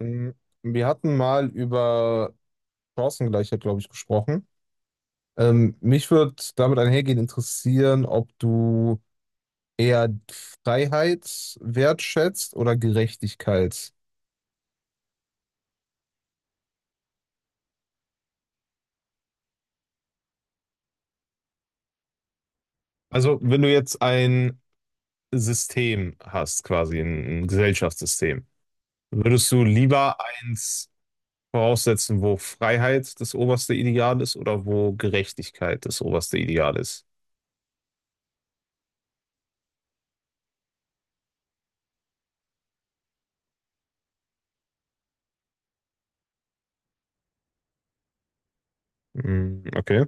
Mm, wir hatten mal über Chancengleichheit, glaube ich, gesprochen. Mich würde damit einhergehend interessieren, ob du eher Freiheit wertschätzt oder Gerechtigkeit. Also, wenn du jetzt ein System hast, quasi ein Gesellschaftssystem, würdest du lieber eins voraussetzen, wo Freiheit das oberste Ideal ist oder wo Gerechtigkeit das oberste Ideal ist? Mm, okay.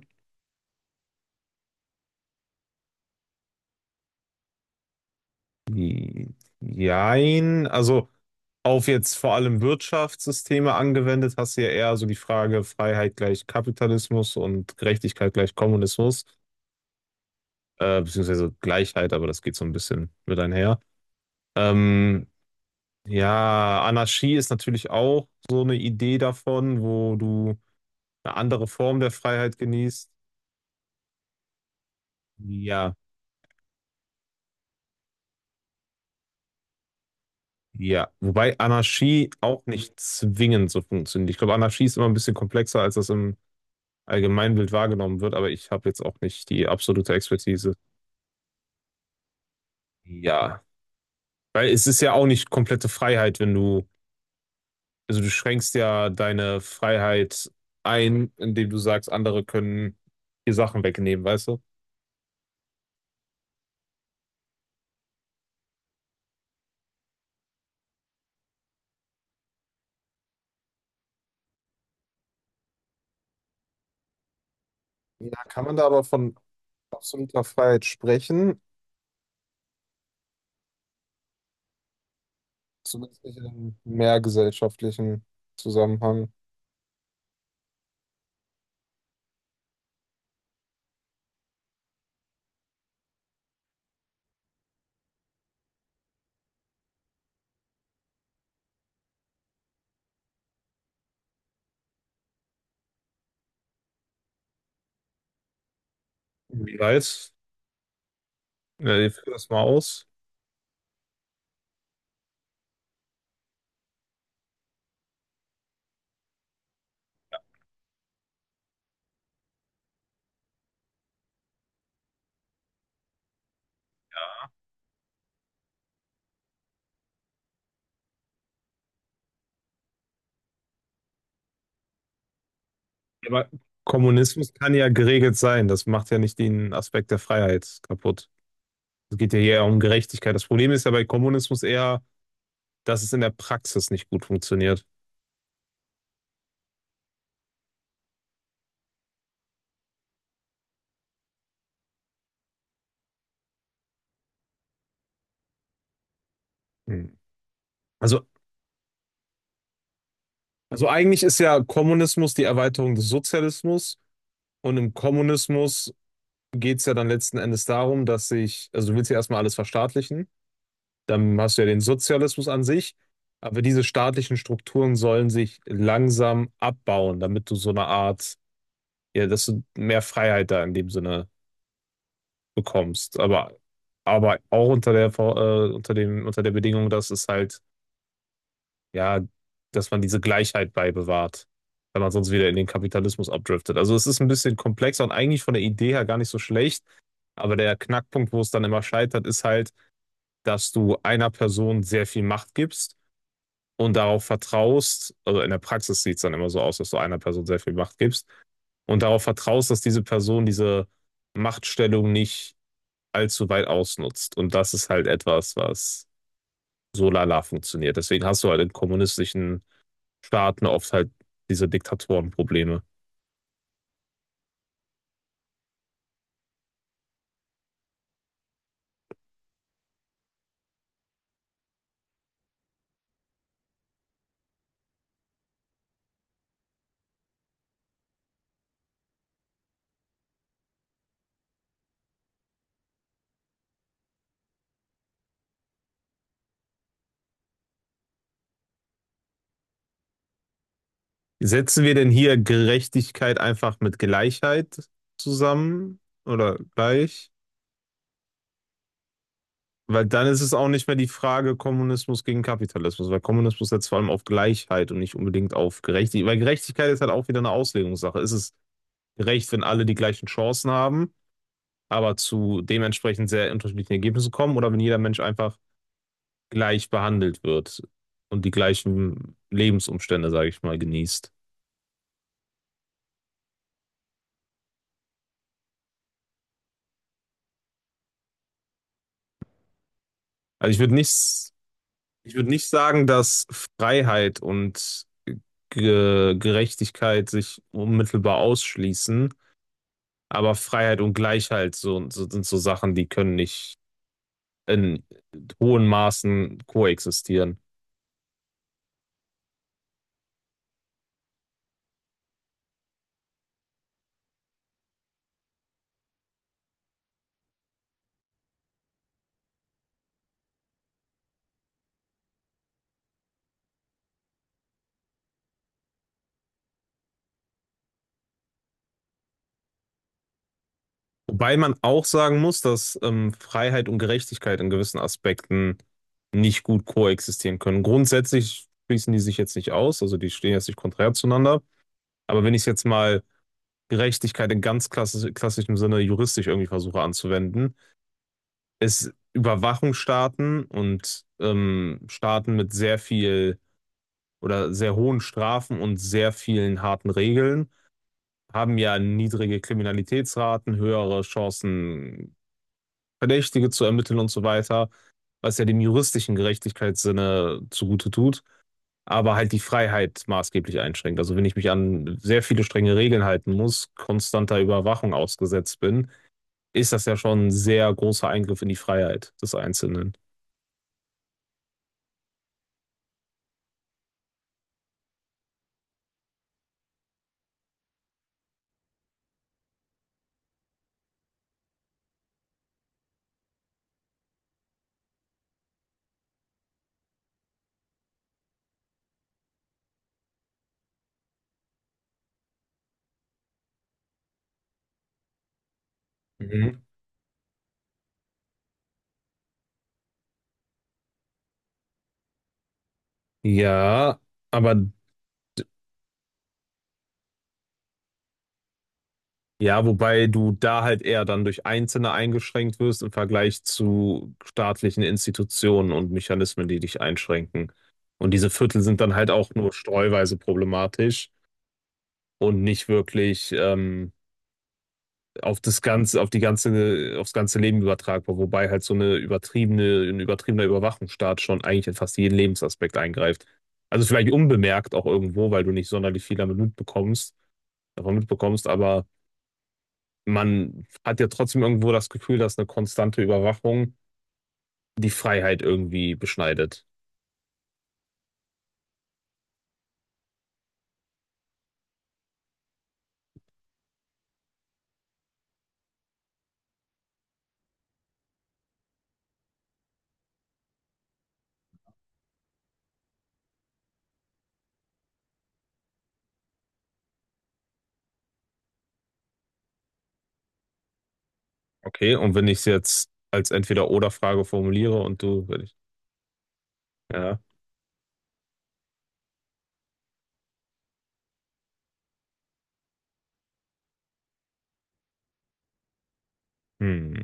Jein, also auf jetzt vor allem Wirtschaftssysteme angewendet, hast du ja eher so die Frage Freiheit gleich Kapitalismus und Gerechtigkeit gleich Kommunismus, beziehungsweise Gleichheit, aber das geht so ein bisschen mit einher. Ähm, ja, Anarchie ist natürlich auch so eine Idee davon, wo du eine andere Form der Freiheit genießt. Ja, ja. Wobei Anarchie auch nicht zwingend so funktioniert. Ich glaube, Anarchie ist immer ein bisschen komplexer, als das im Allgemeinbild wahrgenommen wird, aber ich habe jetzt auch nicht die absolute Expertise. Ja, weil es ist ja auch nicht komplette Freiheit, wenn du, also du schränkst ja deine Freiheit ein, indem du sagst, andere können dir Sachen wegnehmen, weißt du? Ja, kann man da aber von absoluter Freiheit sprechen, zumindest nicht in einem mehrgesellschaftlichen Zusammenhang. Wie weiß? Ja, ich führe das mal aus. Aber Kommunismus kann ja geregelt sein. Das macht ja nicht den Aspekt der Freiheit kaputt. Es geht ja eher um Gerechtigkeit. Das Problem ist ja bei Kommunismus eher, dass es in der Praxis nicht gut funktioniert. Hm. Also, also eigentlich ist ja Kommunismus die Erweiterung des Sozialismus, und im Kommunismus geht es ja dann letzten Endes darum, dass sich, also du willst ja erstmal alles verstaatlichen, dann hast du ja den Sozialismus an sich, aber diese staatlichen Strukturen sollen sich langsam abbauen, damit du so eine Art, ja, dass du mehr Freiheit da in dem Sinne bekommst, aber auch unter der, unter dem, unter der Bedingung, dass es halt ja, dass man diese Gleichheit beibewahrt, wenn man sonst wieder in den Kapitalismus abdriftet. Also es ist ein bisschen komplexer und eigentlich von der Idee her gar nicht so schlecht. Aber der Knackpunkt, wo es dann immer scheitert, ist halt, dass du einer Person sehr viel Macht gibst und darauf vertraust, also in der Praxis sieht es dann immer so aus, dass du einer Person sehr viel Macht gibst und darauf vertraust, dass diese Person diese Machtstellung nicht allzu weit ausnutzt. Und das ist halt etwas, was so lala funktioniert. Deswegen hast du halt in kommunistischen Staaten auf halt diese Diktatorenprobleme. Setzen wir denn hier Gerechtigkeit einfach mit Gleichheit zusammen oder gleich? Weil dann ist es auch nicht mehr die Frage Kommunismus gegen Kapitalismus, weil Kommunismus setzt vor allem auf Gleichheit und nicht unbedingt auf Gerechtigkeit. Weil Gerechtigkeit ist halt auch wieder eine Auslegungssache. Ist es gerecht, wenn alle die gleichen Chancen haben, aber zu dementsprechend sehr unterschiedlichen Ergebnissen kommen oder wenn jeder Mensch einfach gleich behandelt wird und die gleichen Lebensumstände, sage ich mal, genießt? Also ich würde nicht sagen, dass Freiheit und Ge Gerechtigkeit sich unmittelbar ausschließen, aber Freiheit und Gleichheit so, so, sind so Sachen, die können nicht in hohen Maßen koexistieren. Wobei man auch sagen muss, dass Freiheit und Gerechtigkeit in gewissen Aspekten nicht gut koexistieren können. Grundsätzlich schließen die sich jetzt nicht aus, also die stehen jetzt nicht konträr zueinander. Aber wenn ich es jetzt mal Gerechtigkeit in ganz klassisch, klassischem Sinne juristisch irgendwie versuche anzuwenden, ist Überwachungsstaaten und Staaten mit sehr viel oder sehr hohen Strafen und sehr vielen harten Regeln haben ja niedrige Kriminalitätsraten, höhere Chancen, Verdächtige zu ermitteln und so weiter, was ja dem juristischen Gerechtigkeitssinne zugute tut, aber halt die Freiheit maßgeblich einschränkt. Also wenn ich mich an sehr viele strenge Regeln halten muss, konstanter Überwachung ausgesetzt bin, ist das ja schon ein sehr großer Eingriff in die Freiheit des Einzelnen. Mhm. Ja, aber ja, wobei du da halt eher dann durch Einzelne eingeschränkt wirst im Vergleich zu staatlichen Institutionen und Mechanismen, die dich einschränken. Und diese Viertel sind dann halt auch nur streuweise problematisch und nicht wirklich auf das ganze, auf die ganze, aufs ganze Leben übertragbar, wobei halt so eine übertriebene, ein übertriebener Überwachungsstaat schon eigentlich in fast jeden Lebensaspekt eingreift. Also vielleicht unbemerkt auch irgendwo, weil du nicht sonderlich viel damit mitbekommst, davon mitbekommst, aber man hat ja trotzdem irgendwo das Gefühl, dass eine konstante Überwachung die Freiheit irgendwie beschneidet. Okay, und wenn ich es jetzt als Entweder-Oder-Frage formuliere und du, wenn ich, ja, hm,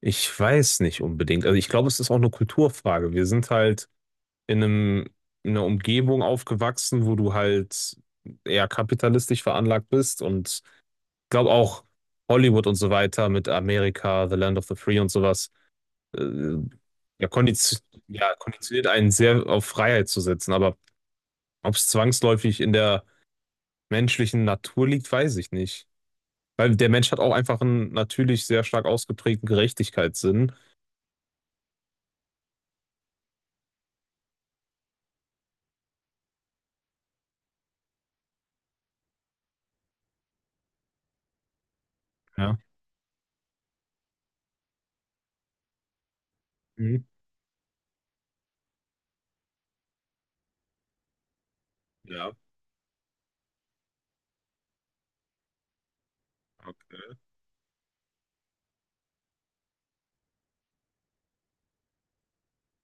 ich weiß nicht unbedingt. Also ich glaube, es ist auch eine Kulturfrage. Wir sind halt in einem, in einer Umgebung aufgewachsen, wo du halt eher kapitalistisch veranlagt bist und glaube auch Hollywood und so weiter mit Amerika, The Land of the Free und sowas, äh, ja, kondiz ja, konditioniert einen sehr auf Freiheit zu setzen. Aber ob es zwangsläufig in der menschlichen Natur liegt, weiß ich nicht. Weil der Mensch hat auch einfach einen natürlich sehr stark ausgeprägten Gerechtigkeitssinn. Ja. Mhm. Ja, okay.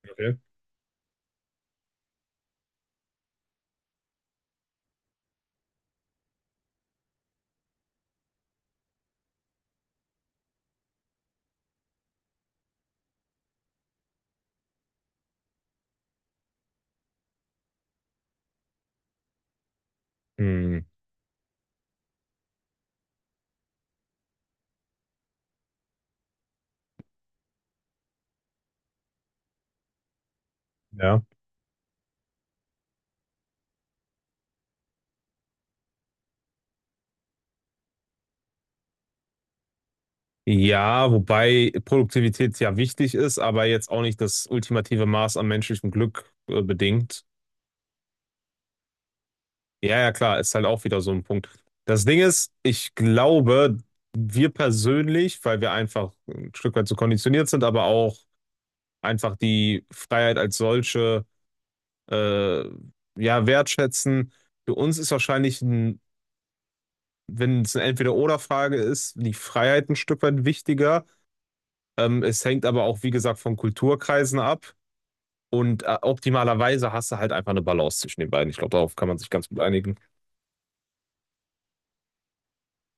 Okay. Hm, ja. Ja, wobei Produktivität ja wichtig ist, aber jetzt auch nicht das ultimative Maß an menschlichem Glück bedingt. Ja, ja, klar, ist halt auch wieder so ein Punkt. Das Ding ist, ich glaube, wir persönlich, weil wir einfach ein Stück weit so konditioniert sind, aber auch einfach die Freiheit als solche äh, ja wertschätzen. Für uns ist wahrscheinlich ein, wenn es eine Entweder-Oder-Frage ist, die Freiheit ein Stück weit wichtiger. Es hängt aber auch, wie gesagt, von Kulturkreisen ab. Und optimalerweise hast du halt einfach eine Balance zwischen den beiden. Ich glaube, darauf kann man sich ganz gut einigen.